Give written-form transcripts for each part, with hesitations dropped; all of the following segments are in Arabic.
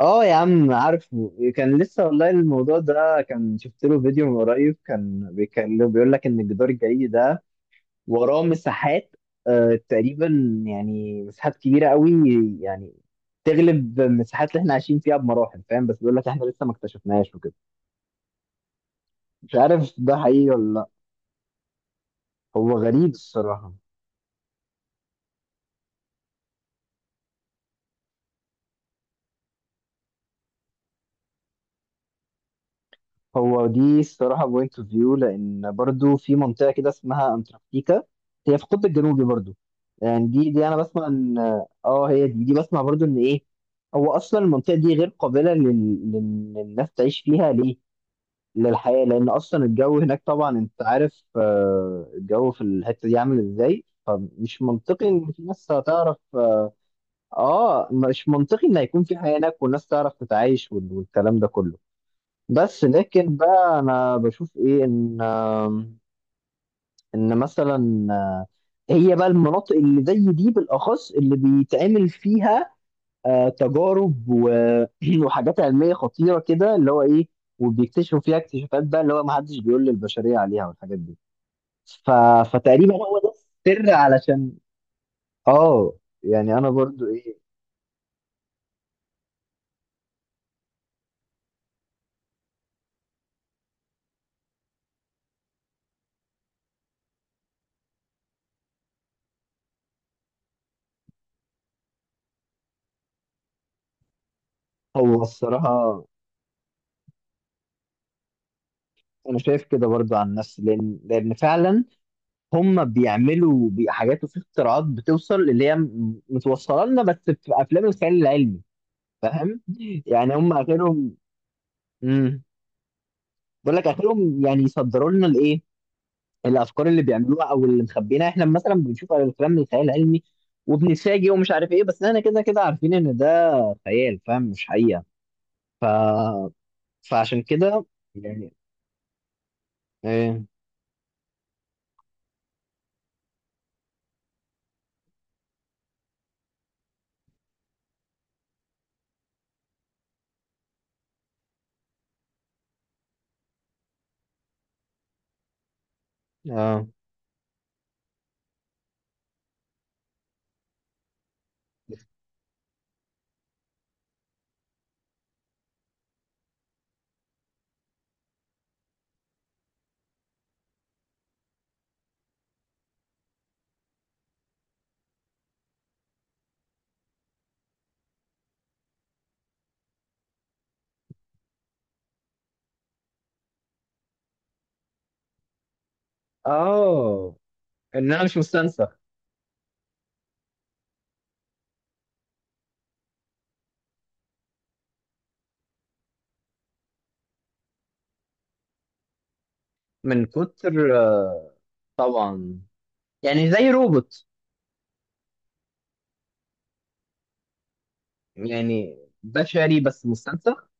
اه يا عم، عارفه. كان لسه والله الموضوع ده، كان شفت له فيديو من قريب كان بيتكلم، بيقول لك ان الجدار الجليدي ده وراه مساحات، تقريبا، يعني مساحات كبيره قوي، يعني تغلب المساحات اللي احنا عايشين فيها بمراحل، فاهم؟ بس بيقول لك احنا لسه ما اكتشفناهاش وكده. مش عارف ده حقيقي ولا لا. هو غريب الصراحه. هو دي الصراحة بوينت اوف فيو، لأن برضو في منطقة كده اسمها أنتاركتيكا، هي في القطب الجنوبي برضو. يعني دي أنا بسمع إن... آه، هي دي بسمع برضو إن إيه، هو أصلا المنطقة دي غير قابلة للناس تعيش فيها، ليه؟ للحياة، لأن أصلا الجو هناك، طبعا أنت عارف، الجو في الحتة دي عامل إزاي، فمش منطقي إن في ناس هتعرف مش منطقي إن هيكون في حياة هناك والناس تعرف تتعايش، والكلام ده كله. بس لكن بقى انا بشوف ايه، ان مثلا هي بقى المناطق اللي زي دي بالاخص اللي بيتعمل فيها تجارب وحاجات علميه خطيره كده، اللي هو ايه، وبيكتشفوا فيها اكتشافات بقى اللي هو ما حدش بيقول للبشريه عليها والحاجات دي. ف... فتقريبا هو ده السر علشان. اه، يعني انا برضو ايه، هو الصراحه انا شايف كده برضو عن نفسي، لان فعلا هم بيعملوا حاجات وفي اختراعات بتوصل اللي هي متوصله لنا بس في افلام الخيال العلمي، فاهم؟ يعني هم اخرهم. امم بقول لك اخرهم يعني يصدروا لنا الايه، الافكار اللي بيعملوها او اللي مخبينها. احنا مثلا بنشوف افلام الخيال العلمي وبنتفاجئ ومش عارف ايه، بس احنا كده كده عارفين ان ده خيال، فاهم؟ مش حقيقه. ف... فعشان كده يعني. ايه. اه اه، ان انا مش مستنسخ. من كتر طبعا. يعني زي روبوت. يعني بشري بس مستنسخ.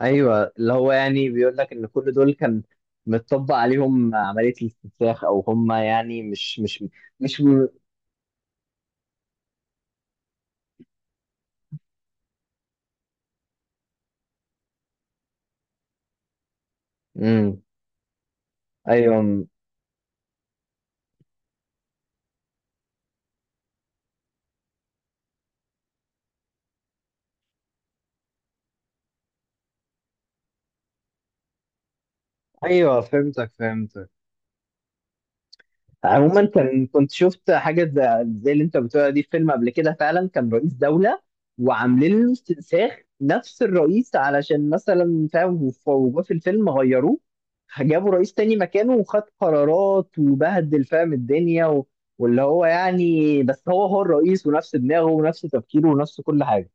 ايوه، اللي هو يعني بيقول لك ان كل دول كان متطبق عليهم عمليه الاستنساخ، او هم يعني مش مش مش م... مم. ايوه ايوه، فهمتك فهمتك. عموما كنت شفت حاجه زي اللي انت بتقولها دي في فيلم قبل كده، فعلا كان رئيس دوله وعاملين له استنساخ نفس الرئيس علشان مثلا، فاهم؟ وجوه في الفيلم غيروه، جابوا رئيس تاني مكانه وخد قرارات وبهدل فاهم الدنيا و... واللي هو يعني، بس هو هو الرئيس ونفس دماغه ونفس تفكيره ونفس كل حاجه،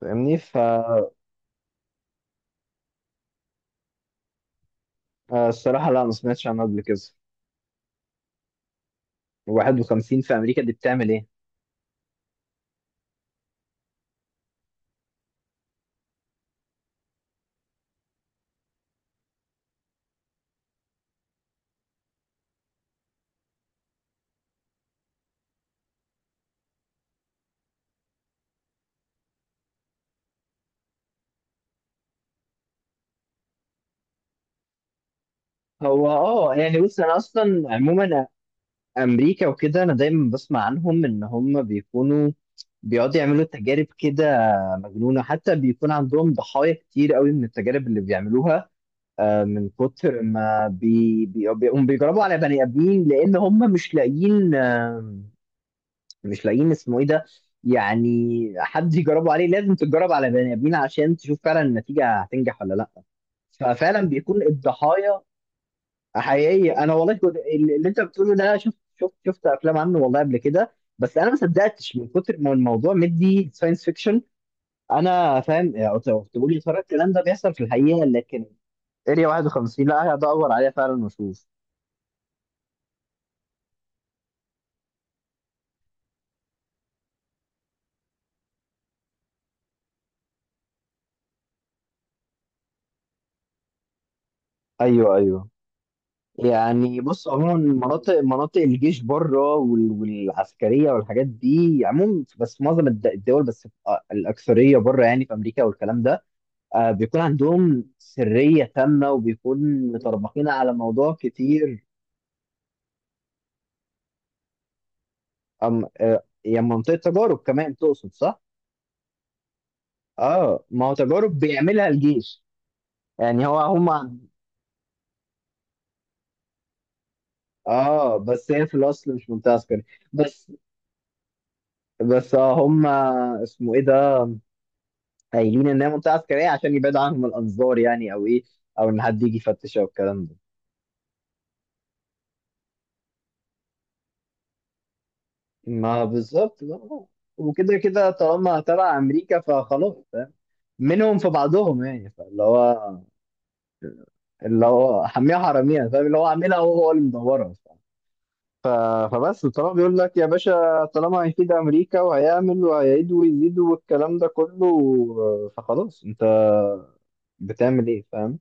فاهمني؟ فالصراحه لا، ما سمعتش عنه قبل كده. 51 في امريكا دي بتعمل ايه؟ هو اه، يعني بص، انا اصلا عموما امريكا وكده انا دايما بسمع عنهم ان هم بيكونوا بيقعدوا يعملوا تجارب كده مجنونه، حتى بيكون عندهم ضحايا كتير قوي من التجارب اللي بيعملوها. من كتر ما بيقوموا بيجربوا على بني ادمين، لان هم مش لاقيين مش لاقيين اسمه ايه ده، يعني حد يجربوا عليه. لازم تتجرب على بني ادمين عشان تشوف فعلا النتيجه هتنجح ولا لا. ففعلا بيكون الضحايا حقيقي. انا والله كنت، اللي انت بتقوله ده، شفت افلام عنه والله قبل كده، بس انا ما صدقتش من كتر ما الموضوع مدي ساينس فيكشن. انا فاهم يعني، قلت بقول يا ترى الكلام ده بيحصل في الحقيقه لكن. اريا 51، لا هقعد ادور عليها فعلا واشوف. ايوه ايوه، يعني بص عموما، مناطق الجيش بره والعسكريه والحاجات دي عموما، بس معظم الدول، بس الاكثريه بره يعني، في امريكا والكلام ده بيكون عندهم سرية تامة، وبيكون متربطين على موضوع كتير. أم يعني منطقة تجارب كمان، تقصد، صح؟ اه، ما هو تجارب بيعملها الجيش، يعني هو هم. اه، بس هي في الأصل مش منطقة عسكرية. بس بس اه هم، اسمه ايه ده، قايلين انها منطقة عسكرية عشان يبعد عنهم الأنظار يعني، او ايه، او ان حد يجي يفتش او الكلام ده. ما بالظبط بقى. وكده كده طالما تبع امريكا فخلاص، فاهم؟ منهم في بعضهم يعني، فاللي هو اللي هو حميها حراميها، فاهم؟ اللي هو عاملها هو هو اللي مدورها. ف- فبس، طالما بيقول لك يا باشا، طالما هيفيد امريكا وهيعمل وهيعيد ويزيد والكلام ده كله، فخلاص انت بتعمل ايه، فاهم؟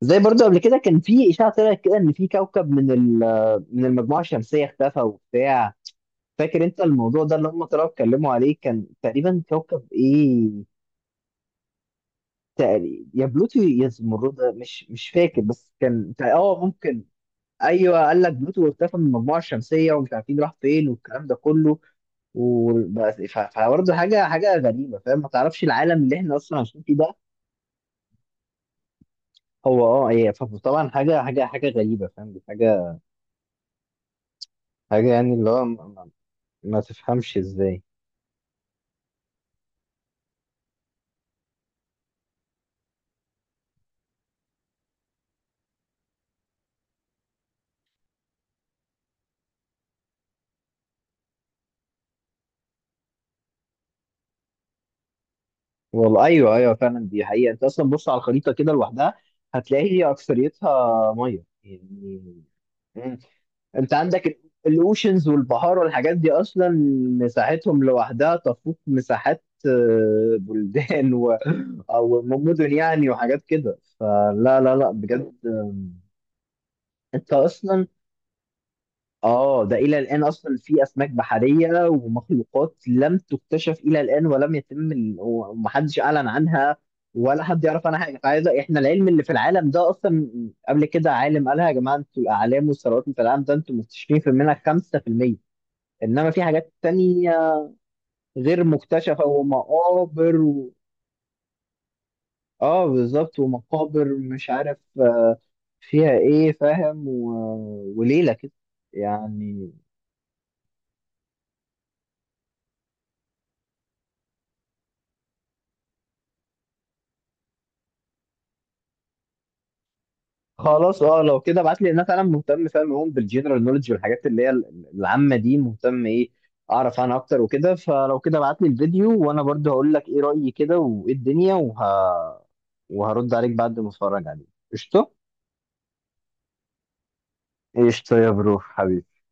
زي برضو قبل كده كان في اشاعه طلعت كده ان في كوكب من من المجموعه الشمسيه اختفى وبتاع. فاكر انت الموضوع ده اللي هم طلعوا اتكلموا عليه؟ كان تقريبا كوكب ايه، تقريبا يا بلوتو يا زمرد، مش فاكر بس كان اه ممكن. ايوه قال لك بلوتو اختفى من المجموعه الشمسيه ومش عارفين راح فين والكلام ده كله. وبس، فبرضه حاجه حاجه غريبه، فاهم؟ ما تعرفش العالم اللي احنا اصلا عايشين فيه ده. هو اه ايه، فطبعا حاجه غريبه، فاهم؟ دي حاجه، حاجه يعني، اللي هو ما ما تفهمش ازاي. والله ايوه ايوه فعلا، دي حقيقه. انت اصلا بص على الخريطه كده لوحدها، هتلاقي هي اكثريتها ميه. يعني انت عندك الاوشنز والبحار والحاجات دي، اصلا مساحتهم لوحدها تفوق مساحات بلدان و... او مدن يعني، وحاجات كده. فلا لا لا بجد، انت اصلا اه، ده الى الان اصلا في اسماك بحريه ومخلوقات لم تكتشف الى الان، ولم يتم ومحدش اعلن عنها ولا حد يعرف عنها حاجه. فعايزه احنا العلم اللي في العالم ده اصلا، قبل كده عالم قالها يا جماعه، انتوا الاعلام والثروات اللي في العالم ده انتوا مكتشفين في منها 5%، انما في حاجات تانية غير مكتشفة، ومقابر و... اه بالظبط، ومقابر مش عارف فيها ايه، فاهم؟ و... وليلة كده يعني. خلاص، اه لو كده ابعت لي، لان انا فعلا مهتم، فاهم؟ أوي بالجنرال نولج والحاجات اللي هي العامة دي، مهتم ايه اعرف عنها اكتر وكده. فلو كده ابعت لي الفيديو وانا برضه هقول لك ايه رأيي كده وايه الدنيا وهرد عليك بعد ما اتفرج عليه. قشطة. قشطة يا برو حبيبي.